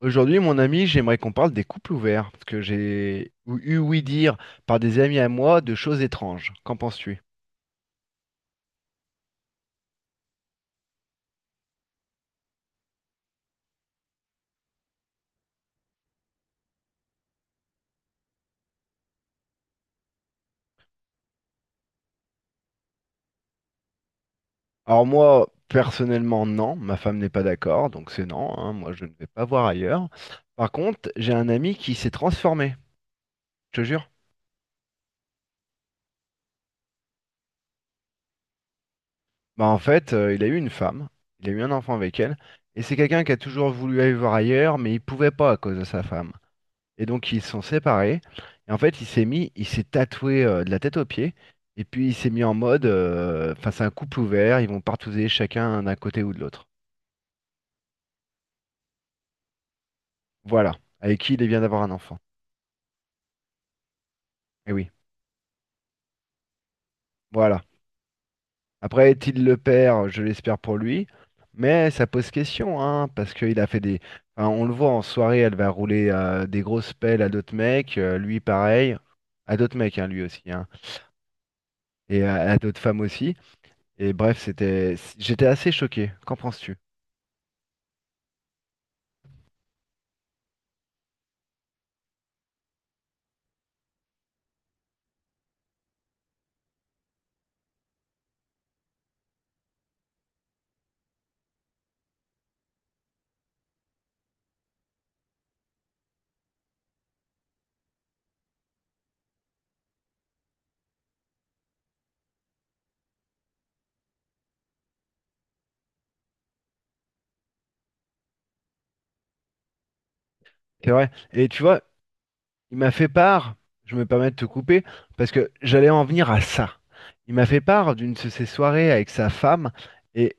Aujourd'hui, mon ami, j'aimerais qu'on parle des couples ouverts, parce que j'ai eu ouï dire par des amis à moi de choses étranges. Qu'en penses-tu? Alors moi, personnellement, non, ma femme n'est pas d'accord, donc c'est non, hein, moi je ne vais pas voir ailleurs. Par contre, j'ai un ami qui s'est transformé, je te jure. Bah en fait, il a eu une femme, il a eu un enfant avec elle, et c'est quelqu'un qui a toujours voulu aller voir ailleurs, mais il pouvait pas à cause de sa femme. Et donc ils se sont séparés. Et en fait, il s'est tatoué de la tête aux pieds. Et puis il s'est mis en mode, enfin c'est un couple ouvert, ils vont partouzer chacun d'un côté ou de l'autre. Voilà. Avec qui il vient d'avoir un enfant. Et oui, voilà. Après, est-il le père? Je l'espère pour lui. Mais ça pose question, hein, parce qu'il a fait des, enfin, on le voit en soirée, elle va rouler des grosses pelles à d'autres mecs. Lui, pareil. À d'autres mecs, hein, lui aussi, hein. Et à d'autres femmes aussi. Et bref, c'était. J'étais assez choqué. Qu'en penses-tu? C'est vrai. Et tu vois, il m'a fait part, je me permets de te couper, parce que j'allais en venir à ça. Il m'a fait part d'une de ses soirées avec sa femme, et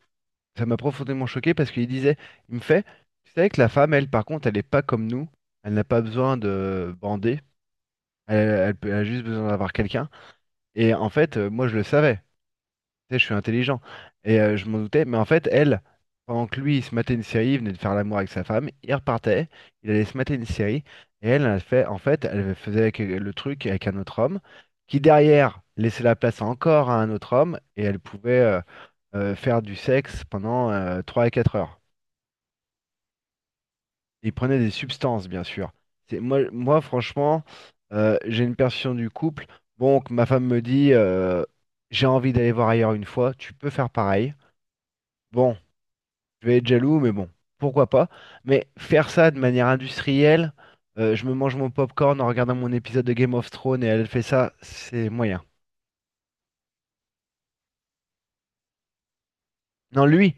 ça m'a profondément choqué parce qu'il disait, il me fait, tu savais que la femme, elle, par contre, elle n'est pas comme nous, elle n'a pas besoin de bander, elle, elle a juste besoin d'avoir quelqu'un. Et en fait, moi, je le savais. Tu sais, je suis intelligent. Et je m'en doutais. Mais en fait, elle, pendant que lui, il se matait une série, il venait de faire l'amour avec sa femme, il repartait, il allait se mater une série. Et elle, elle fait, en fait, elle faisait le truc avec un autre homme, qui derrière laissait la place encore à un autre homme, et elle pouvait faire du sexe pendant 3 à 4 heures. Il prenait des substances, bien sûr. C'est, moi, franchement, j'ai une perception du couple. Bon, que ma femme me dit, j'ai envie d'aller voir ailleurs une fois, tu peux faire pareil. Bon. Je vais être jaloux, mais bon, pourquoi pas. Mais faire ça de manière industrielle, je me mange mon popcorn en regardant mon épisode de Game of Thrones et elle fait ça, c'est moyen. Non, lui,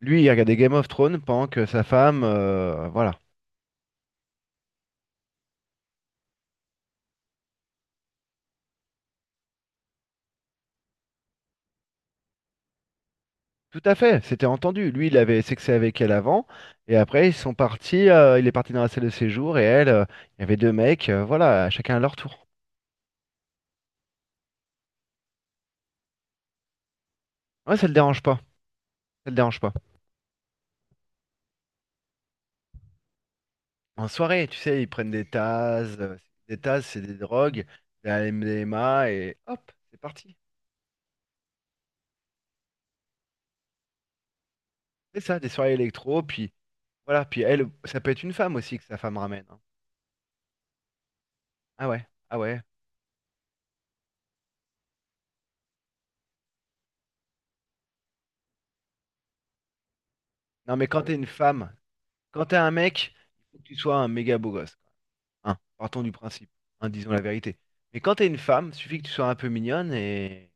lui, il regardait Game of Thrones pendant que sa femme, voilà. Tout à fait, c'était entendu. Lui, il avait sexé avec elle avant, et après, ils sont partis, il est parti dans la salle de séjour, et elle, il y avait deux mecs, voilà, chacun à leur tour. Ouais, ça le dérange pas, ça le dérange pas. En soirée, tu sais, ils prennent des tasses. Des tasses, c'est des drogues, de la MDMA et hop, c'est parti. C'est ça, des soirées électro, puis voilà, puis elle, ça peut être une femme aussi que sa femme ramène, hein. Ah ouais, ah ouais. Non mais quand t'es une femme, quand t'es un mec, il faut que tu sois un méga beau gosse, quoi. Hein, partons du principe, hein, disons la vérité. Mais quand t'es une femme, suffit que tu sois un peu mignonne et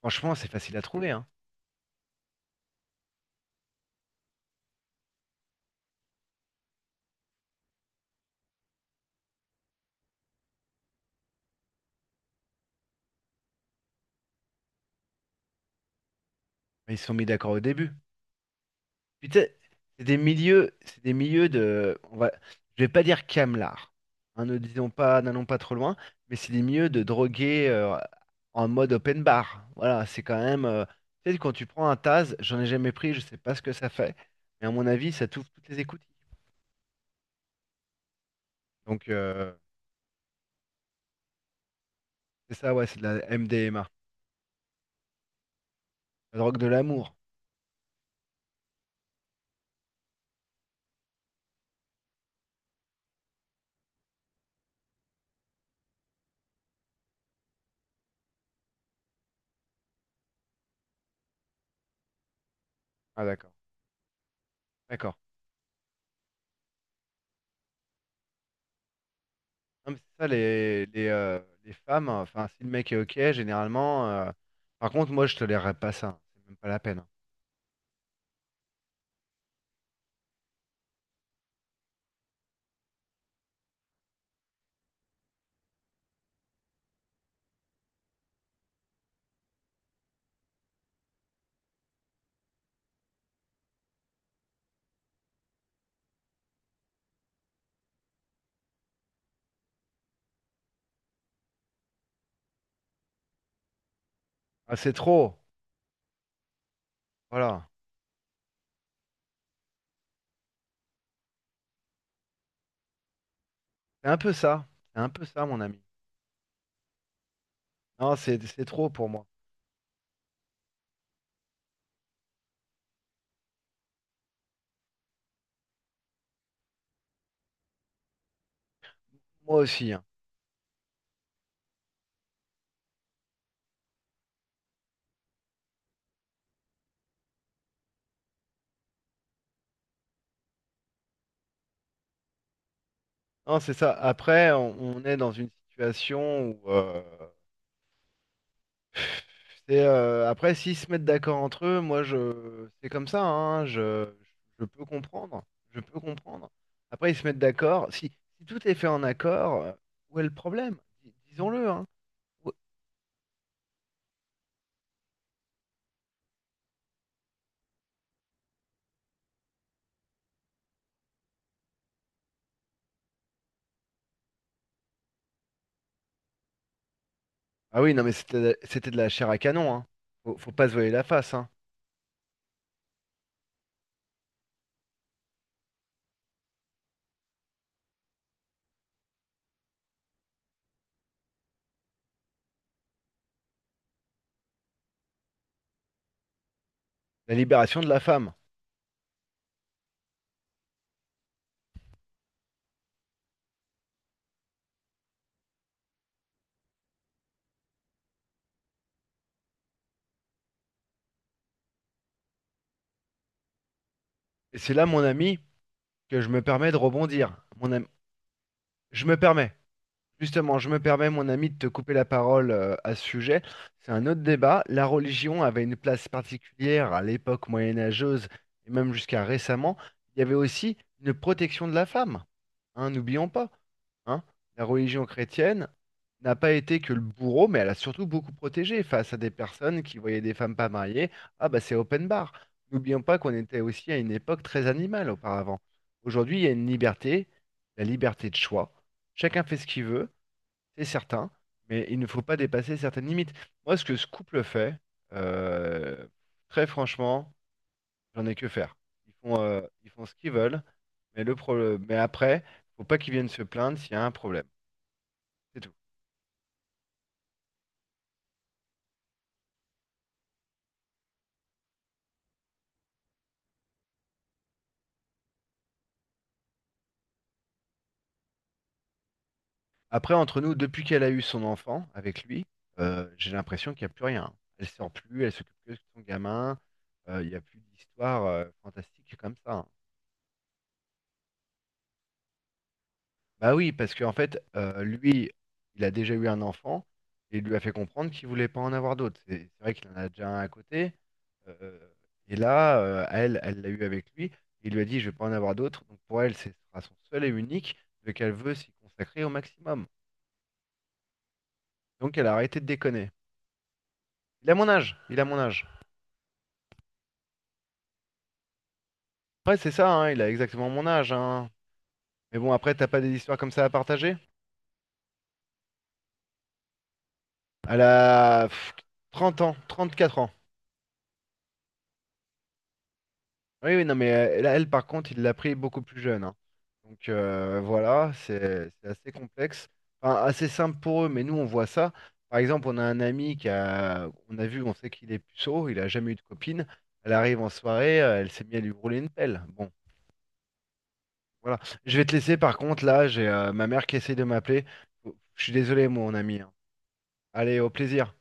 franchement, c'est facile à trouver, hein. Ils se sont mis d'accord au début. Puis tu sais, c'est des milieux de, on va, je vais pas dire camelard, hein, ne disons pas, n'allons pas trop loin, mais c'est des milieux de drogués en mode open bar. Voilà, c'est quand même, tu sais, quand tu prends un Taz, j'en ai jamais pris, je sais pas ce que ça fait, mais à mon avis, ça t'ouvre toutes les écoutilles. Donc c'est ça, ouais, c'est de la MDMA, la drogue de l'amour. Ah d'accord, d'accord. Non, mais c'est ça les femmes. Enfin, si le mec est ok, généralement. Par contre, moi, je tolérerais pas ça, hein. C'est même pas la peine, hein. Ah, c'est trop. Voilà. C'est un peu ça. C'est un peu ça, mon ami. Non, c'est trop pour moi. Moi aussi, hein. Non, c'est ça. Après, on est dans une situation où c'est après s'ils se mettent d'accord entre eux, moi je c'est comme ça, hein, je peux comprendre. Je peux comprendre. Après, ils se mettent d'accord. Si tout est fait en accord, où est le problème? Disons-le, hein. Où- Ah oui, non, mais c'était de la chair à canon. Hein. Faut pas se voiler la face, hein. La libération de la femme. Et c'est là, mon ami, que je me permets de rebondir. Mon ami, je me permets, justement, je me permets, mon ami, de te couper la parole à ce sujet. C'est un autre débat. La religion avait une place particulière à l'époque moyenâgeuse et même jusqu'à récemment. Il y avait aussi une protection de la femme. Hein, n'oublions pas, hein. La religion chrétienne n'a pas été que le bourreau, mais elle a surtout beaucoup protégé face à des personnes qui voyaient des femmes pas mariées. Ah bah c'est open bar. N'oublions pas qu'on était aussi à une époque très animale auparavant. Aujourd'hui, il y a une liberté, la liberté de choix. Chacun fait ce qu'il veut, c'est certain, mais il ne faut pas dépasser certaines limites. Moi, ce que ce couple fait, euh, très franchement, j'en ai que faire. Ils font ce qu'ils veulent, mais le problème, mais après, faut pas qu'ils viennent se plaindre s'il y a un problème. C'est tout. Après, entre nous, depuis qu'elle a eu son enfant avec lui, j'ai l'impression qu'il n'y a plus rien. Elle sort plus, elle s'occupe que de son gamin. Il n'y a plus d'histoire fantastique comme ça, hein. Bah oui, parce qu'en fait, lui, il a déjà eu un enfant et il lui a fait comprendre qu'il voulait pas en avoir d'autres. C'est vrai qu'il en a déjà un à côté. euh, et là, elle, elle l'a eu avec lui. Il lui a dit, je vais pas en avoir d'autres. Donc pour elle, ce sera son seul et unique, lequel elle veut s'y consacrer au maximum. Donc elle a arrêté de déconner. Il a mon âge, il a mon âge. Après, c'est ça, hein, il a exactement mon âge, hein. Mais bon, après, t'as pas des histoires comme ça à partager? Elle a 30 ans, 4 ans. Oui, oui, non, mais elle, elle, par contre, il l'a pris beaucoup plus jeune, hein. Donc voilà, c'est assez complexe. Enfin, assez simple pour eux, mais nous, on voit ça. Par exemple, on a un ami qui a, on a vu, on sait qu'il est puceau, il a jamais eu de copine. Elle arrive en soirée, elle s'est mise à lui rouler une pelle. Bon, voilà. Je vais te laisser, par contre, là, j'ai ma mère qui essaye de m'appeler. Je suis désolé, mon ami, hein. Allez, au plaisir.